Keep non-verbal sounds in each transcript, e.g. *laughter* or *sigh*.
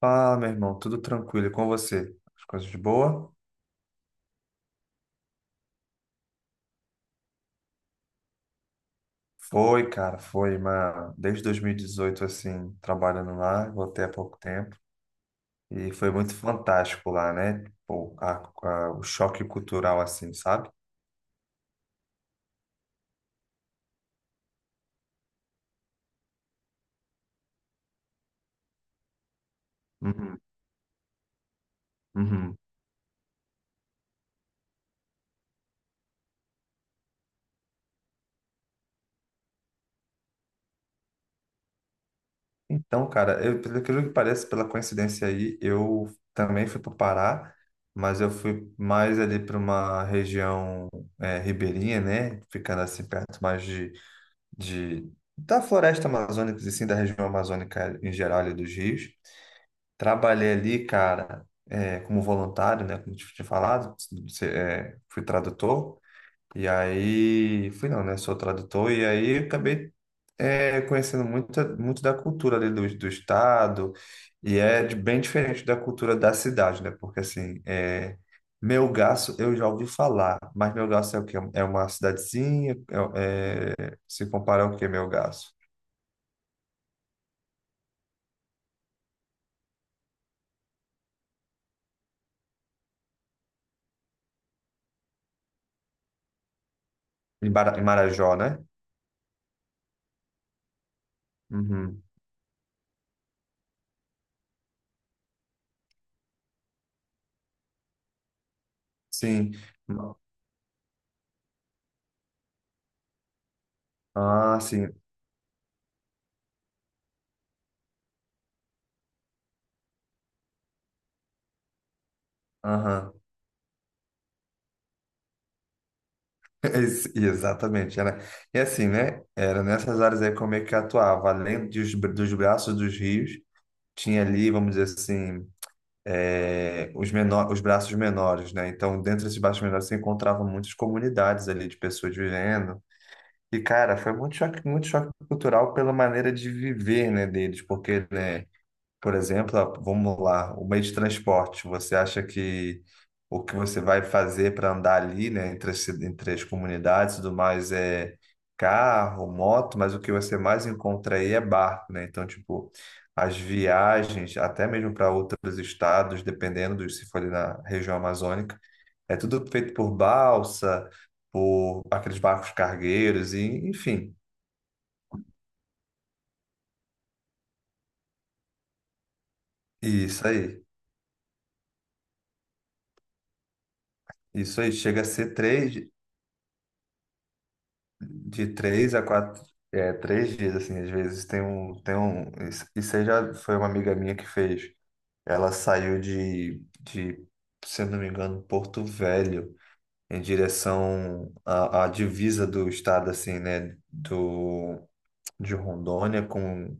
Fala, meu irmão, tudo tranquilo e com você? As coisas de boa? Foi, cara, foi, mas desde 2018, assim, trabalhando lá, voltei há pouco tempo e foi muito fantástico lá, né? Pô, o choque cultural, assim, sabe? Uhum, uhum. Então, cara, eu, pelo aquilo que parece, pela coincidência aí, eu também fui para o Pará, mas eu fui mais ali para uma região ribeirinha, né? Ficando assim perto mais de, da floresta amazônica, e sim, da região amazônica em geral, ali dos rios. Trabalhei ali, cara, como voluntário, né, como eu tinha falado, fui tradutor. E aí, fui não, né? Sou tradutor, e aí acabei conhecendo muito, muito da cultura ali do estado, e é bem diferente da cultura da cidade, né? Porque assim, Melgaço eu já ouvi falar, mas Melgaço é o quê? É uma cidadezinha, se comparar ao quê, Melgaço? Em Marajó, né? Uhum. Sim. Ah, sim. Aham. *laughs* Exatamente, era. E assim, né? Era nessas áreas aí como é que eu atuava, além dos braços dos rios, tinha ali, vamos dizer assim, os braços menores, né? Então, dentro desses braços menores, você encontrava muitas comunidades ali de pessoas vivendo. E, cara, foi muito choque cultural pela maneira de viver, né, deles, porque, né? Por exemplo, vamos lá, o meio de transporte. Você acha que o que você vai fazer para andar ali, né, entre as comunidades e tudo mais é carro, moto, mas o que você mais encontra aí é barco, né? Então, tipo, as viagens, até mesmo para outros estados, dependendo de se for ali na região amazônica, é tudo feito por balsa, por aqueles barcos cargueiros, e, enfim, isso aí. Isso aí chega a ser três. De três a quatro, três dias, assim, às vezes tem um, e você já foi uma amiga minha que fez, ela saiu de, se eu não me engano, Porto Velho, em direção à divisa do estado, assim, né, do, de Rondônia com,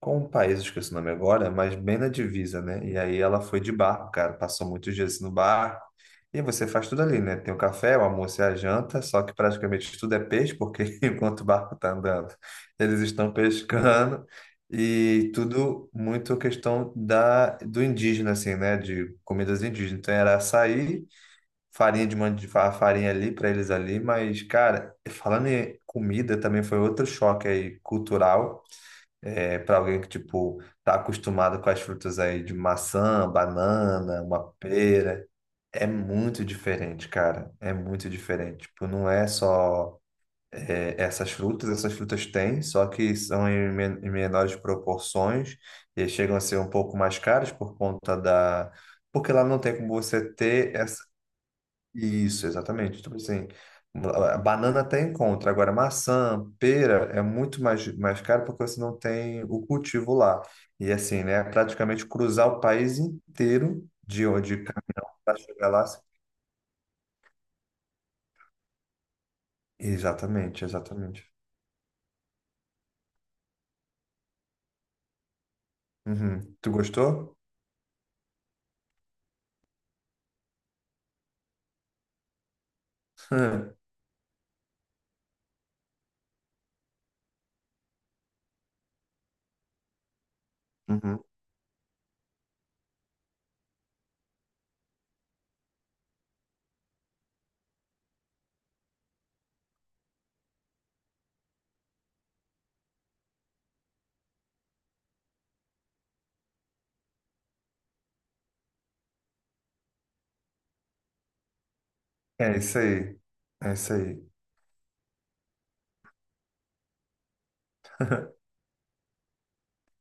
com um país, eu esqueci o nome agora, mas bem na divisa, né? E aí ela foi de barco, cara, passou muitos dias no barco. E você faz tudo ali, né? Tem o café, o almoço e a janta, só que praticamente tudo é peixe, porque *laughs* enquanto o barco está andando, eles estão pescando. E tudo muito questão da, do indígena, assim, né? De comidas indígenas. Então era açaí, farinha de mandioca, farinha ali para eles ali. Mas, cara, falando em comida, também foi outro choque aí cultural para alguém que, tipo, tá acostumado com as frutas aí de maçã, banana, uma pera, é muito diferente, cara. É muito diferente. Tipo, não é só, essas frutas têm, só que são em menores proporções e chegam a ser um pouco mais caras por conta da. Porque lá não tem como você ter isso, exatamente. Tipo assim, a banana até encontra. Agora, maçã, pera é muito mais caro porque você não tem o cultivo lá. E assim, né? É praticamente cruzar o país inteiro de onde para chegar lá. Exatamente, exatamente. Uhum. Tu gostou? *laughs* Hum. Uhum. É isso aí. É isso aí.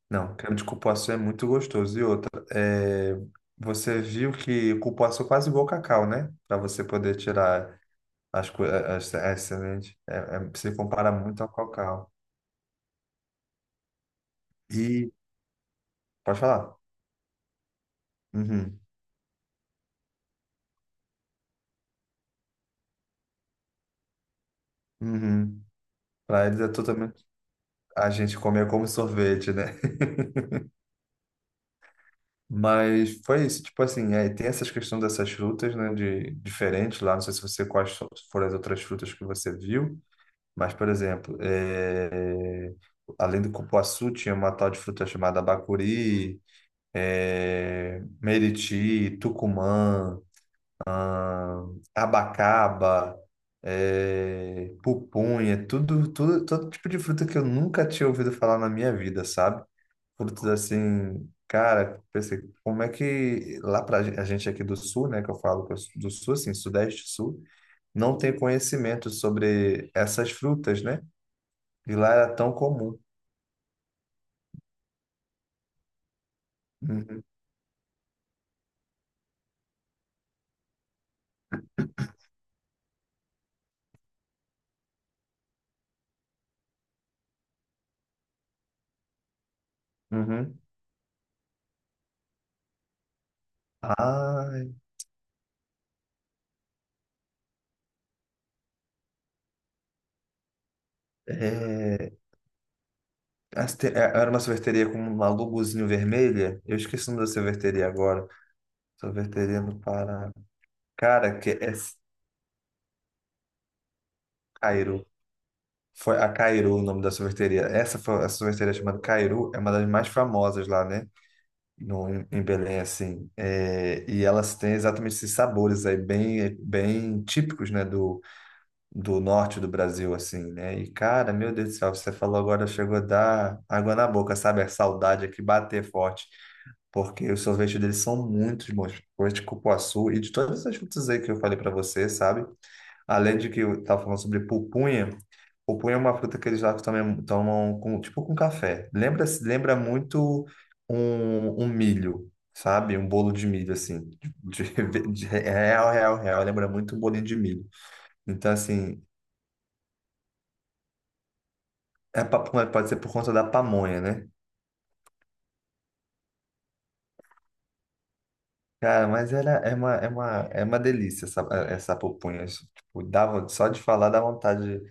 Não, creme de cupuaçu é muito gostoso. E outra, você viu que o cupuaçu é quase igual ao cacau, né? Para você poder tirar. As sementes se compara muito ao cacau. E pode falar. Uhum, uhum. Para eles é totalmente. A gente comia como sorvete, né? *laughs* Mas foi isso, tipo assim, aí tem essas questões dessas frutas, né, de diferentes lá, não sei se você foram as outras frutas que você viu, mas, por exemplo, além do cupuaçu, tinha uma tal de fruta chamada bacuri, meriti, tucumã, ah, abacaba, pupunha, tudo, todo tipo de fruta que eu nunca tinha ouvido falar na minha vida, sabe? Frutas assim, cara, pensei, como é que lá a gente aqui do sul, né, que eu falo que eu sou do sul, assim, sudeste, sul, não tem conhecimento sobre essas frutas, né? E lá era tão comum. Uhum, uhum. Ah, é, as te- é- era uma sorveteria com uma logozinho vermelha. Eu esqueci o nome da sorveteria agora. Sorveteria no Pará. Cara, que é Cairu. Foi a Cairu o nome da sorveteria. Essa foi a sorveteria chamada Cairu, é uma das mais famosas lá, né? No, em Belém, assim. É, e elas têm exatamente esses sabores aí, bem, bem típicos, né? Do norte do Brasil, assim, né? E, cara, meu Deus do céu, você falou agora, chegou a dar água na boca, sabe? A saudade aqui bater forte. Porque os sorvetes deles são muito bons. Sorvete de cupuaçu e de todas essas frutas aí que eu falei pra você, sabe? Além de que eu estava falando sobre pupunha. Pupunha é uma fruta que eles lá também tomam com, tipo com café. Lembra muito um milho, sabe? Um bolo de milho, assim. De, *laughs* real, real, real. Lembra muito um bolinho de milho. Então, assim, é papunha, pode ser por conta da pamonha, né? Cara, mas é uma delícia essa pupunha. Tipo, dava, só de falar dá vontade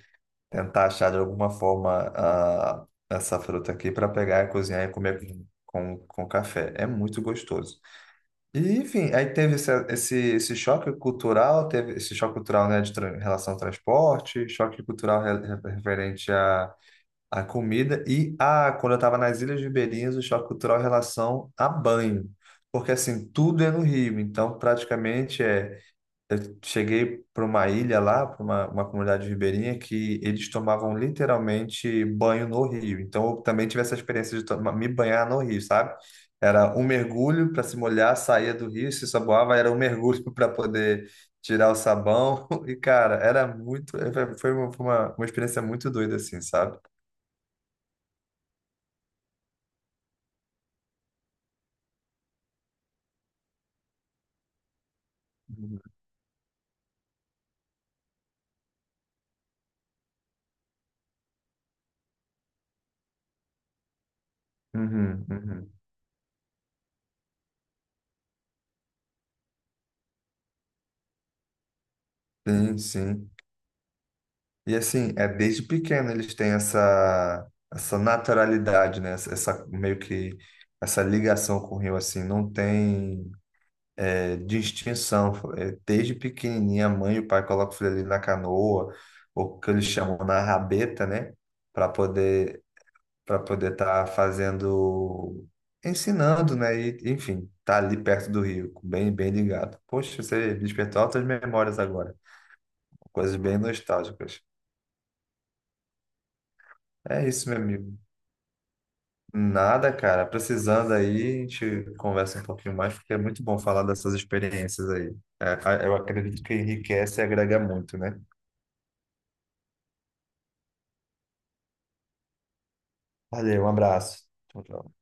tentar achar de alguma forma essa fruta aqui para pegar e cozinhar e comer com café. É muito gostoso. E, enfim, aí teve esse choque cultural, teve esse choque cultural, né, de em relação ao transporte, choque cultural referente à comida e a, quando eu estava nas Ilhas Ribeirinhas, o choque cultural em relação a banho. Porque, assim, tudo é no Rio, então praticamente eu cheguei para uma ilha lá, para uma comunidade ribeirinha, que eles tomavam literalmente banho no rio. Então eu também tive essa experiência de tomar, me banhar no rio, sabe? Era um mergulho para se molhar, saía do rio, se saboava, era um mergulho *laughs* para poder tirar o sabão. E, cara, era muito. Foi uma experiência muito doida, assim, sabe? Uhum, uhum. Sim, sim. E assim, é desde pequeno eles têm essa naturalidade, né? Essa, meio que essa ligação com o rio, assim, não tem distinção. É, desde pequenininha, a mãe e o pai colocam o filho ali na canoa, ou o que eles chamam na rabeta, né? Para poder para poder estar fazendo, ensinando, né? E, enfim, tá ali perto do rio, bem, bem ligado. Poxa, você despertou altas memórias agora, coisas bem nostálgicas. É isso, meu amigo. Nada, cara. Precisando aí, a gente conversa um pouquinho mais, porque é muito bom falar dessas experiências aí. É, eu acredito que enriquece e agrega muito, né? Valeu, um abraço. Tchau, tchau.